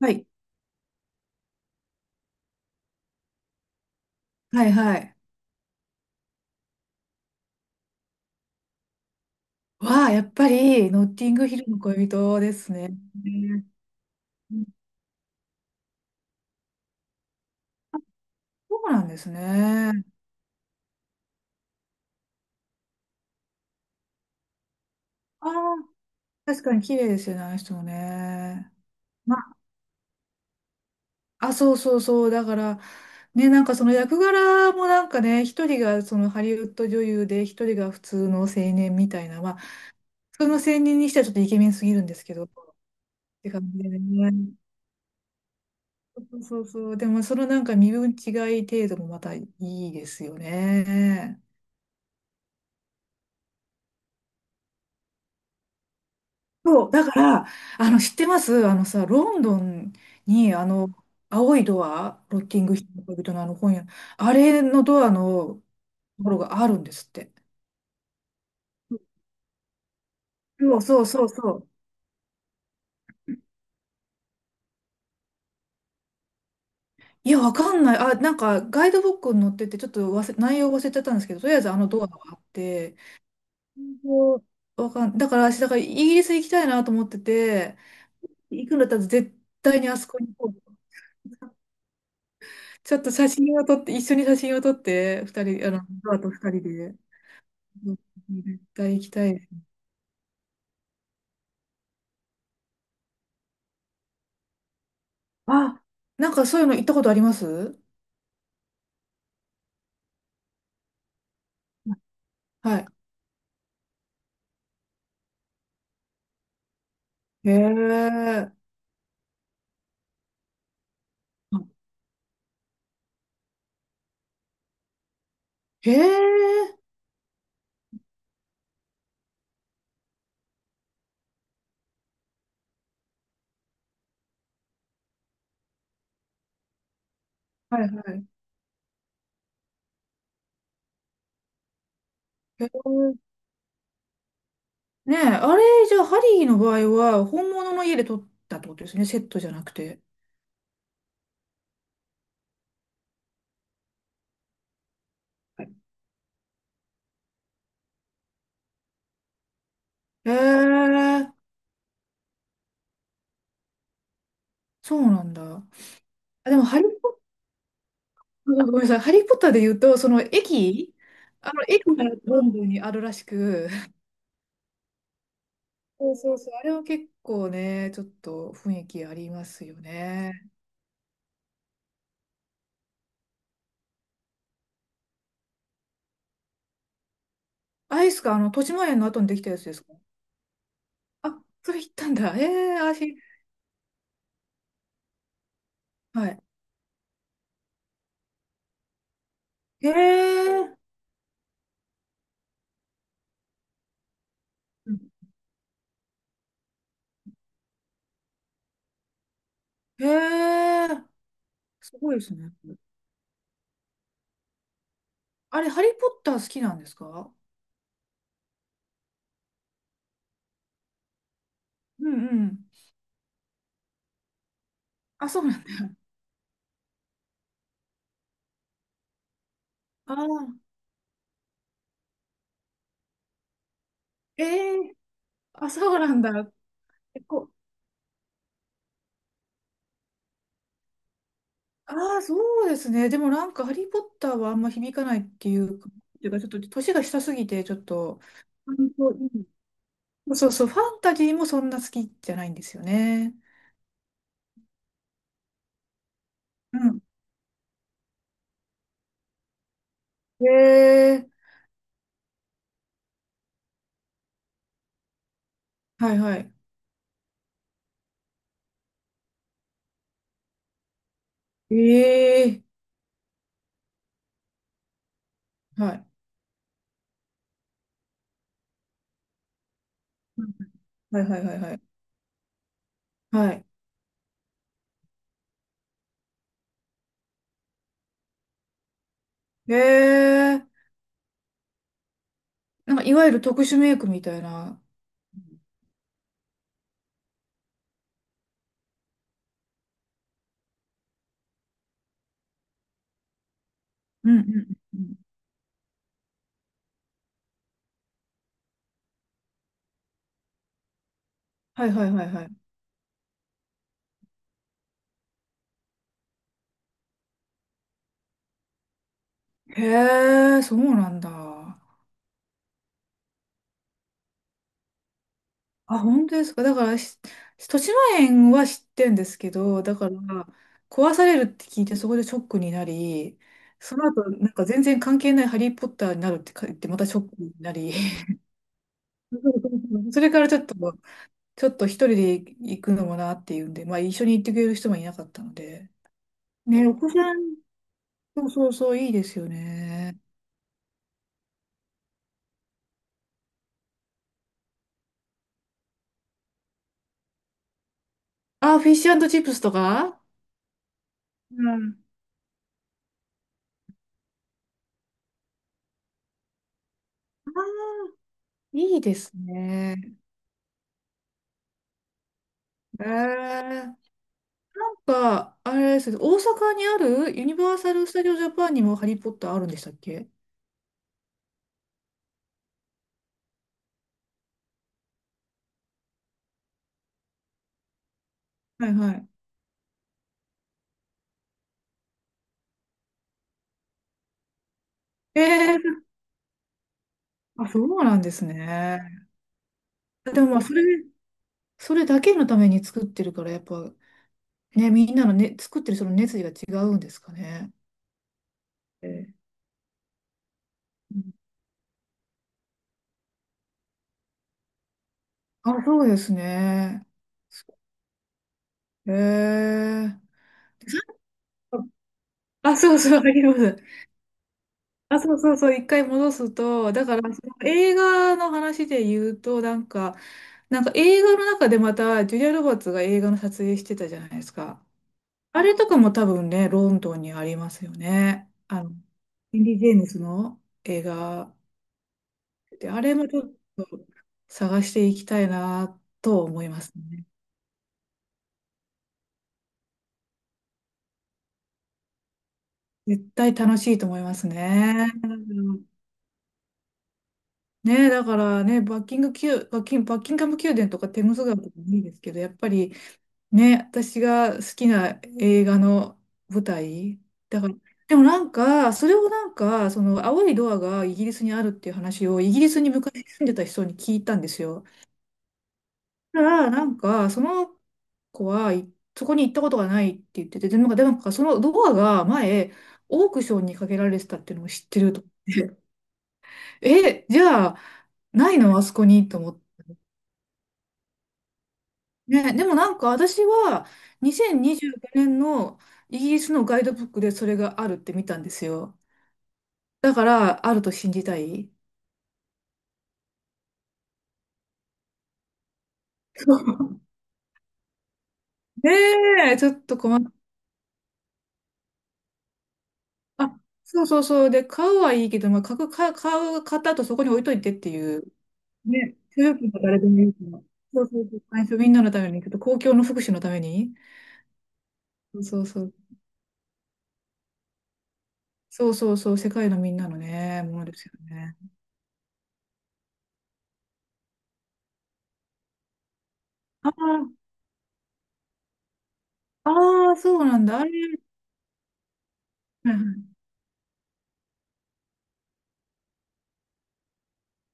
はい。はいはい。やっぱり、ノッティングヒルの恋人ですね。うん。そうなんですね。ああ、確かに綺麗ですよね、あの人もね。まあ、そうそうそう。だから、ね、なんかその役柄もなんかね、一人がそのハリウッド女優で、一人が普通の青年みたいな、まあ、普通の青年にしてはちょっとイケメンすぎるんですけど、って感じでね。そうそうそう。でも、そのなんか身分違い程度もまたいいですよね。そう、だから、あの、知ってます？あのさ、ロンドンに、あの、青いドア、ロッキングヒルの恋人のあの本屋、あれのドアのところがあるんですって。そうそうそうそう。いや、わかんない。あ、なんか、ガイドブックに載ってて、ちょっと忘れ、内容忘れちゃったんですけど、とりあえずあのドアがあって、そう。わかん、だから、私、だから、イギリス行きたいなと思ってて、行くんだったら絶対にあそこに行こう。ちょっと写真を撮って、一緒に写真を撮って、二人、あの、ドアと二人で。うん。絶対行きたいです。あ、なんかそういうの行ったことあります？はい。へえ。あへえ。はいはい。へえ。ねえ、あれ、じゃあ、ハリーの場合は、本物の家で撮ったってことですね。セットじゃなくて。はい。へえ。そうなんだ。あ、でも、ハリーポッター、ごめんなさい。ハリーポッターで言うと、その駅、あの、駅がロンドンにあるらしく、そうそうそう。あれは結構ね、ちょっと雰囲気ありますよね。アイスか、あの、としまえんの後にできたやつですか？あ、それ行ったんだ。ええー、足、はい。ええー、ええー、すごいですね。あれ、ハリー・ポッター好きなんですか？うんうん。あ、そうなんだ。ああ、ええー、あ、そうなんだ。結構、ああ、そうですね。でもなんか、ハリー・ポッターはあんま響かないっていうか、ちょっと、年が下すぎて、ちょっと、本当。うん。そうそう、ファンタジーもそんな好きじゃないんですよね。うん。ええ。はいはい。ええ。はい。はいはいはいはい。はい。ええ。なんかいわゆる特殊メイクみたいな。うんうんうんうん。はいはいはいはい。へえ、そうなんだ。あ、本当ですか。だから、豊島園は知ってんですけど、だから、壊されるって聞いて、そこでショックになり、その後、なんか全然関係ないハリー・ポッターになるって言って、またショックになり、それからちょっと、一人で行くのもなっていうんで、まあ一緒に行ってくれる人もいなかったので。ね、お子さん、そうそうそう、いいですよね。あ、フィッシュチップスとか。うん。あー、いいですね。えー、なんか、あれですね、大阪にあるユニバーサル・スタジオ・ジャパンにもハリー・ポッターあるんでしたっけ？はいはい。えー、あ、そうなんですね。でもまあ、それだけのために作ってるから、やっぱ、ね、みんなのね、作ってるその熱意が違うんですかね。えー、あ、そうですね。へえ。あ、そうそう、あります。あ、そうそうそう、一回戻すと、だから、その映画の話で言うと、なんか、映画の中でまた、ジュリア・ロバーツが映画の撮影してたじゃないですか。あれとかも多分ね、ロンドンにありますよね。あの、インディ・ジェームスの映画で、あれもちょっと探していきたいなと思いますね。絶対楽しいと思いますね。ねえ、だからね、バッキンガム宮殿とかテムズ川とかもいいですけど、やっぱりね、私が好きな映画の舞台。だから、でもなんか、それをなんか、その青いドアがイギリスにあるっていう話をイギリスに昔住んでた人に聞いたんですよ。だから、なんか、その子はい、そこに行ったことがないって言ってて、でもなんかそのドアが前、オークションにかけられてたっていうのを知ってると思って。え、じゃあ、ないのあそこにと思って。ね、でもなんか私は2025年のイギリスのガイドブックでそれがあるって見たんですよ。だからあると信じたい。そう。ねえ、ちょっと困った。あ、そうそうそう。で、買うはいいけど、まあ、買った後そこに置いといてっていう。ね、所有権が誰でもいいから。そうそうそう。最初みんなのために、ちょっと公共の福祉のために。そうそうそう。そうそうそう。世界のみんなのね、ものですよね。ああ、ああ、そうなんだ。あれ。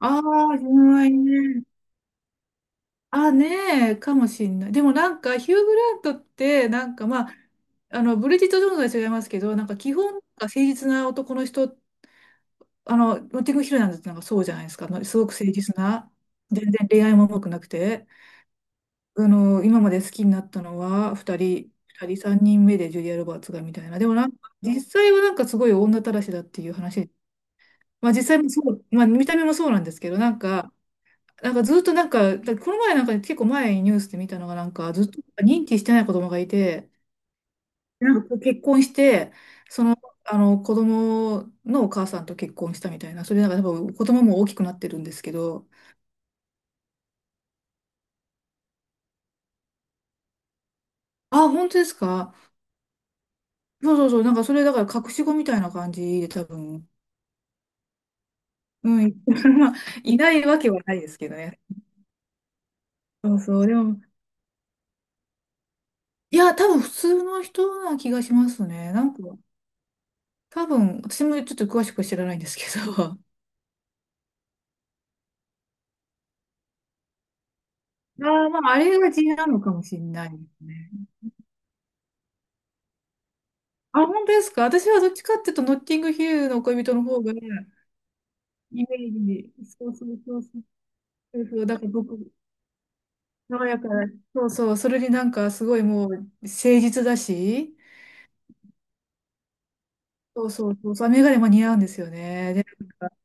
ああ、純愛ね。あ、ねえ、かもしんない。でもなんか、ヒュー・グラントって、なんかまあ、あの、ブリジット・ジョーンズは違いますけど、なんか基本、なんか誠実な男の人、あの、ノッティングヒルなんてなんかそうじゃないですか。すごく誠実な。全然恋愛も重くなくて。あの、今まで好きになったのは、2人、2人、3人目でジュリア・ロバーツがみたいな。でもなんか、実際はなんかすごい女たらしだっていう話。まあ実際もそう、まあ見た目もそうなんですけど、なんか、ずっとなんか、この前なんかね結構前にニュースで見たのがなんかずっと認知してない子供がいて、なんか結婚して、その、あの子供のお母さんと結婚したみたいな、それなんか多分子供も大きくなってるんですけど、あ、本当ですか？そうそうそう、なんかそれだから隠し子みたいな感じで多分、うん、まあ、いないわけはないですけどね。そうそう、でも、いや、多分普通の人な気がしますね。なんか、多分、私もちょっと詳しくは知らないんですけど、ああ、まあ、あれが地なのかもしれないですね。あ、本当ですか？私はどっちかっていうと、ノッティングヒルの恋人の方が、イメージ、そうそうそうそう、そうそうだから僕、爽やかな、そうそう、それになんかすごいもう、誠実だし、そうそうそう、そう、メガネも似合うんですよね。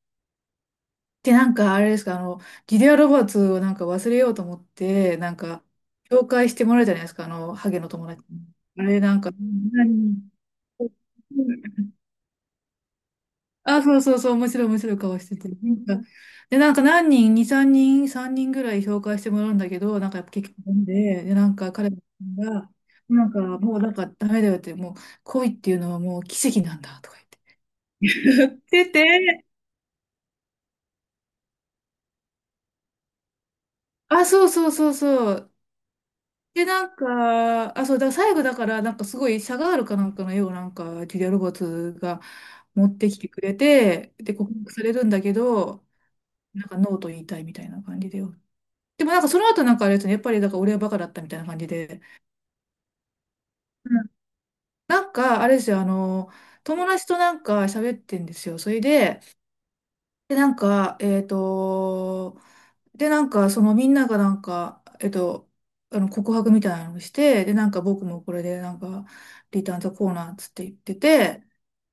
でなんかあれですか、あの、ギデア・ロバーツをなんか忘れようと思って、なんか、紹介してもらうじゃないですか、あの、ハゲの友達に。あれなんか、何あ、そうそうそう、面白い面白い顔してて。で、なんか何人、2、3人ぐらい紹介してもらうんだけど、なんかやっぱ結局ダメで、で、彼が、なんか、もうダメだよって、もう恋っていうのはもう奇跡なんだとか言って。言ってて、あ、そうそうそうそう。で、なんか、あ、そう、だから最後だから、なんかすごいシャガールかなんかのようなんか、ジュリア・ロバーツが持ってきてくれて、で、告白されるんだけど、なんかノーと言いたいみたいな感じで。でもなんかその後なんかあれですね、やっぱりだから俺はバカだったみたいな感じで。うん。なんか、あれですよ、友達となんか喋ってんですよ。それで、で、なんか、えっと、そのみんながなんか、告白みたいなのをして、で、なんか僕もこれで、なんか、リターンザコーナーっつって言ってて、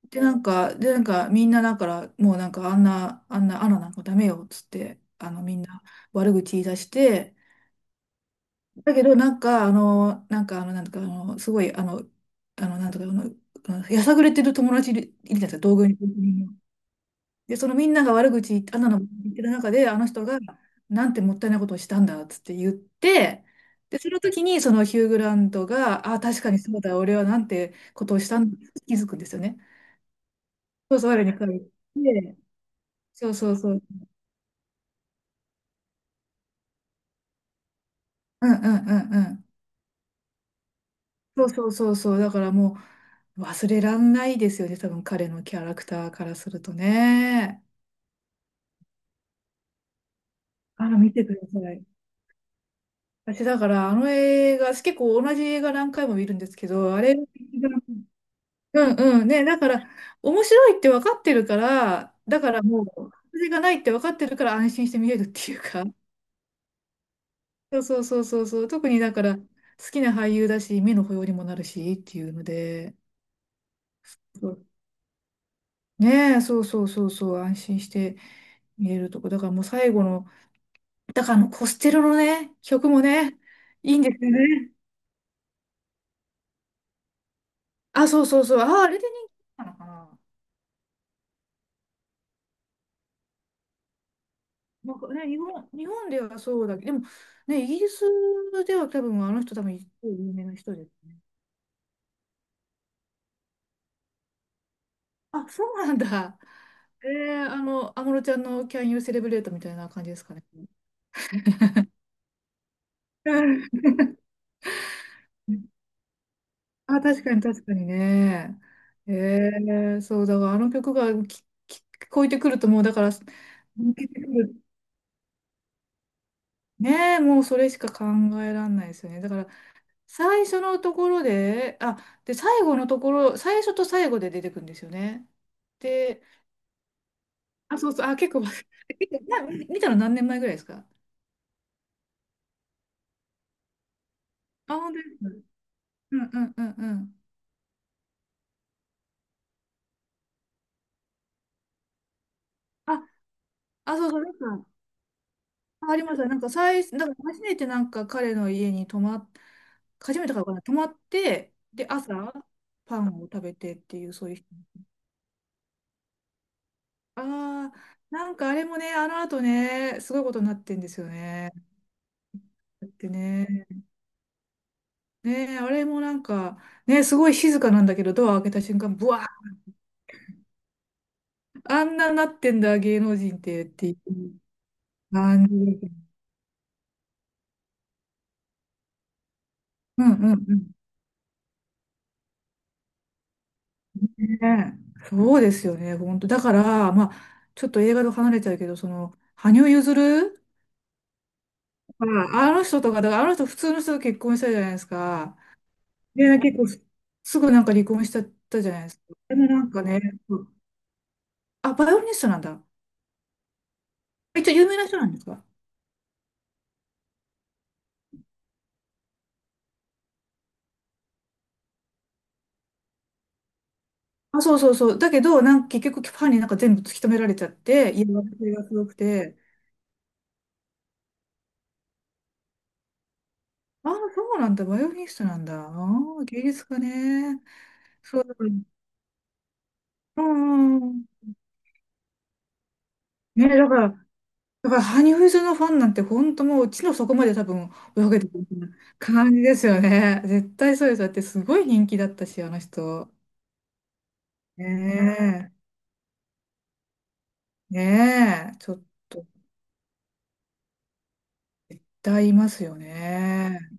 で、なんか、で、なんか、みんなだから、もうなんか、あんな、あんな、アナななんかダメよ、っつって、あの、みんな悪口言い出して、だけど、なんか、あの、なんか、あの、なんとか、あの、すごい、あの、あの、なんとか、あの、あのやさぐれてる友達いるじゃないですか、同居に。で、そのみんなが悪口言って、あんなの言ってる中で、あの人が、なんてもったいないことをしたんだ、つって言って、で、その時に、そのヒュー・グラントが、ああ、確かにそうだ、俺はなんてことをしたんだ、気づくんですよね。そうそう、我に返って、そうそうそう。うんうんうんうん。そうそうそうそう。だからもう忘れらんないですよね。多分彼のキャラクターからするとね。あら、見てください。私だからあの映画、結構同じ映画何回も見るんですけど、あれ、うんうんね。だから面白いって分かってるから、だからもう、外れがないって分かってるから安心して見れるっていうか。そうそうそうそうそう。特にだから好きな俳優だし、目の保養にもなるしっていうので、そうねえ、そうそうそうそう、安心して見えるとこ。だからもう最後の、だからあのコステロのね、曲もね、いいんですよね。あ、そうそうそう。あ、あれで人気なのかな。なんかね、日本ではそうだけど、でもね、イギリスでは多分あの人一応有名な人ですね。あ、そうなんだ。えー、あの、安室ちゃんの Can You Celebrate みたいな感じですかね。うん。あ、確かに確かにね。えー、そう、だからあの曲が聞こえてくるともう、だから、抜けてくるねえ、もうそれしか考えられないですよね。だから、最初のところで、あ、で、最後のところ、最初と最後で出てくるんですよね。で、あ、そうそう、あ、結構、結構な。見たの何年前ぐらいですか？あ、本当ですか。うんうんうんうん。あ、あ、そうそう、なんか、あありました。なんか、なんか初めてなんか彼の家に泊まっ、初めてかわかんない、泊まって、で、朝、パンを食べてっていう、そういう。ああ、なんかあれもね、あの後ね、すごいことになってんですよね。だってね、ね、あれもなんか、ね、すごい静かなんだけど、ドア開けた瞬間、ブワー、あんななってんだ、芸能人って、っていう感じで。うんうんうん。ね、そうですよね、本当。だから、まあ、ちょっと映画と離れちゃうけど、その、羽生結弦ああの人とか、だからあの人普通の人と結婚したじゃないですか。で、結構すぐなんか離婚しちゃったじゃないですか。でもなんかね、あ、バイオリニストなんだ。一応有名な人なんですか？あ、そうそうそう。だけど、なんか結局ファンになんか全部突き止められちゃって、嫌がらせがすごくて。あ、そうなんだ。バイオリニストなんだ。ああ芸術家ね。そう、だから、うんうんうん。ね、だから、だから羽生結弦のファンなんて本当もう地の底まで多分泳げてるみたいな感じですよね。絶対そうです。だってすごい人気だったし、あの人。ねねえ、ちょっと、絶いますよね。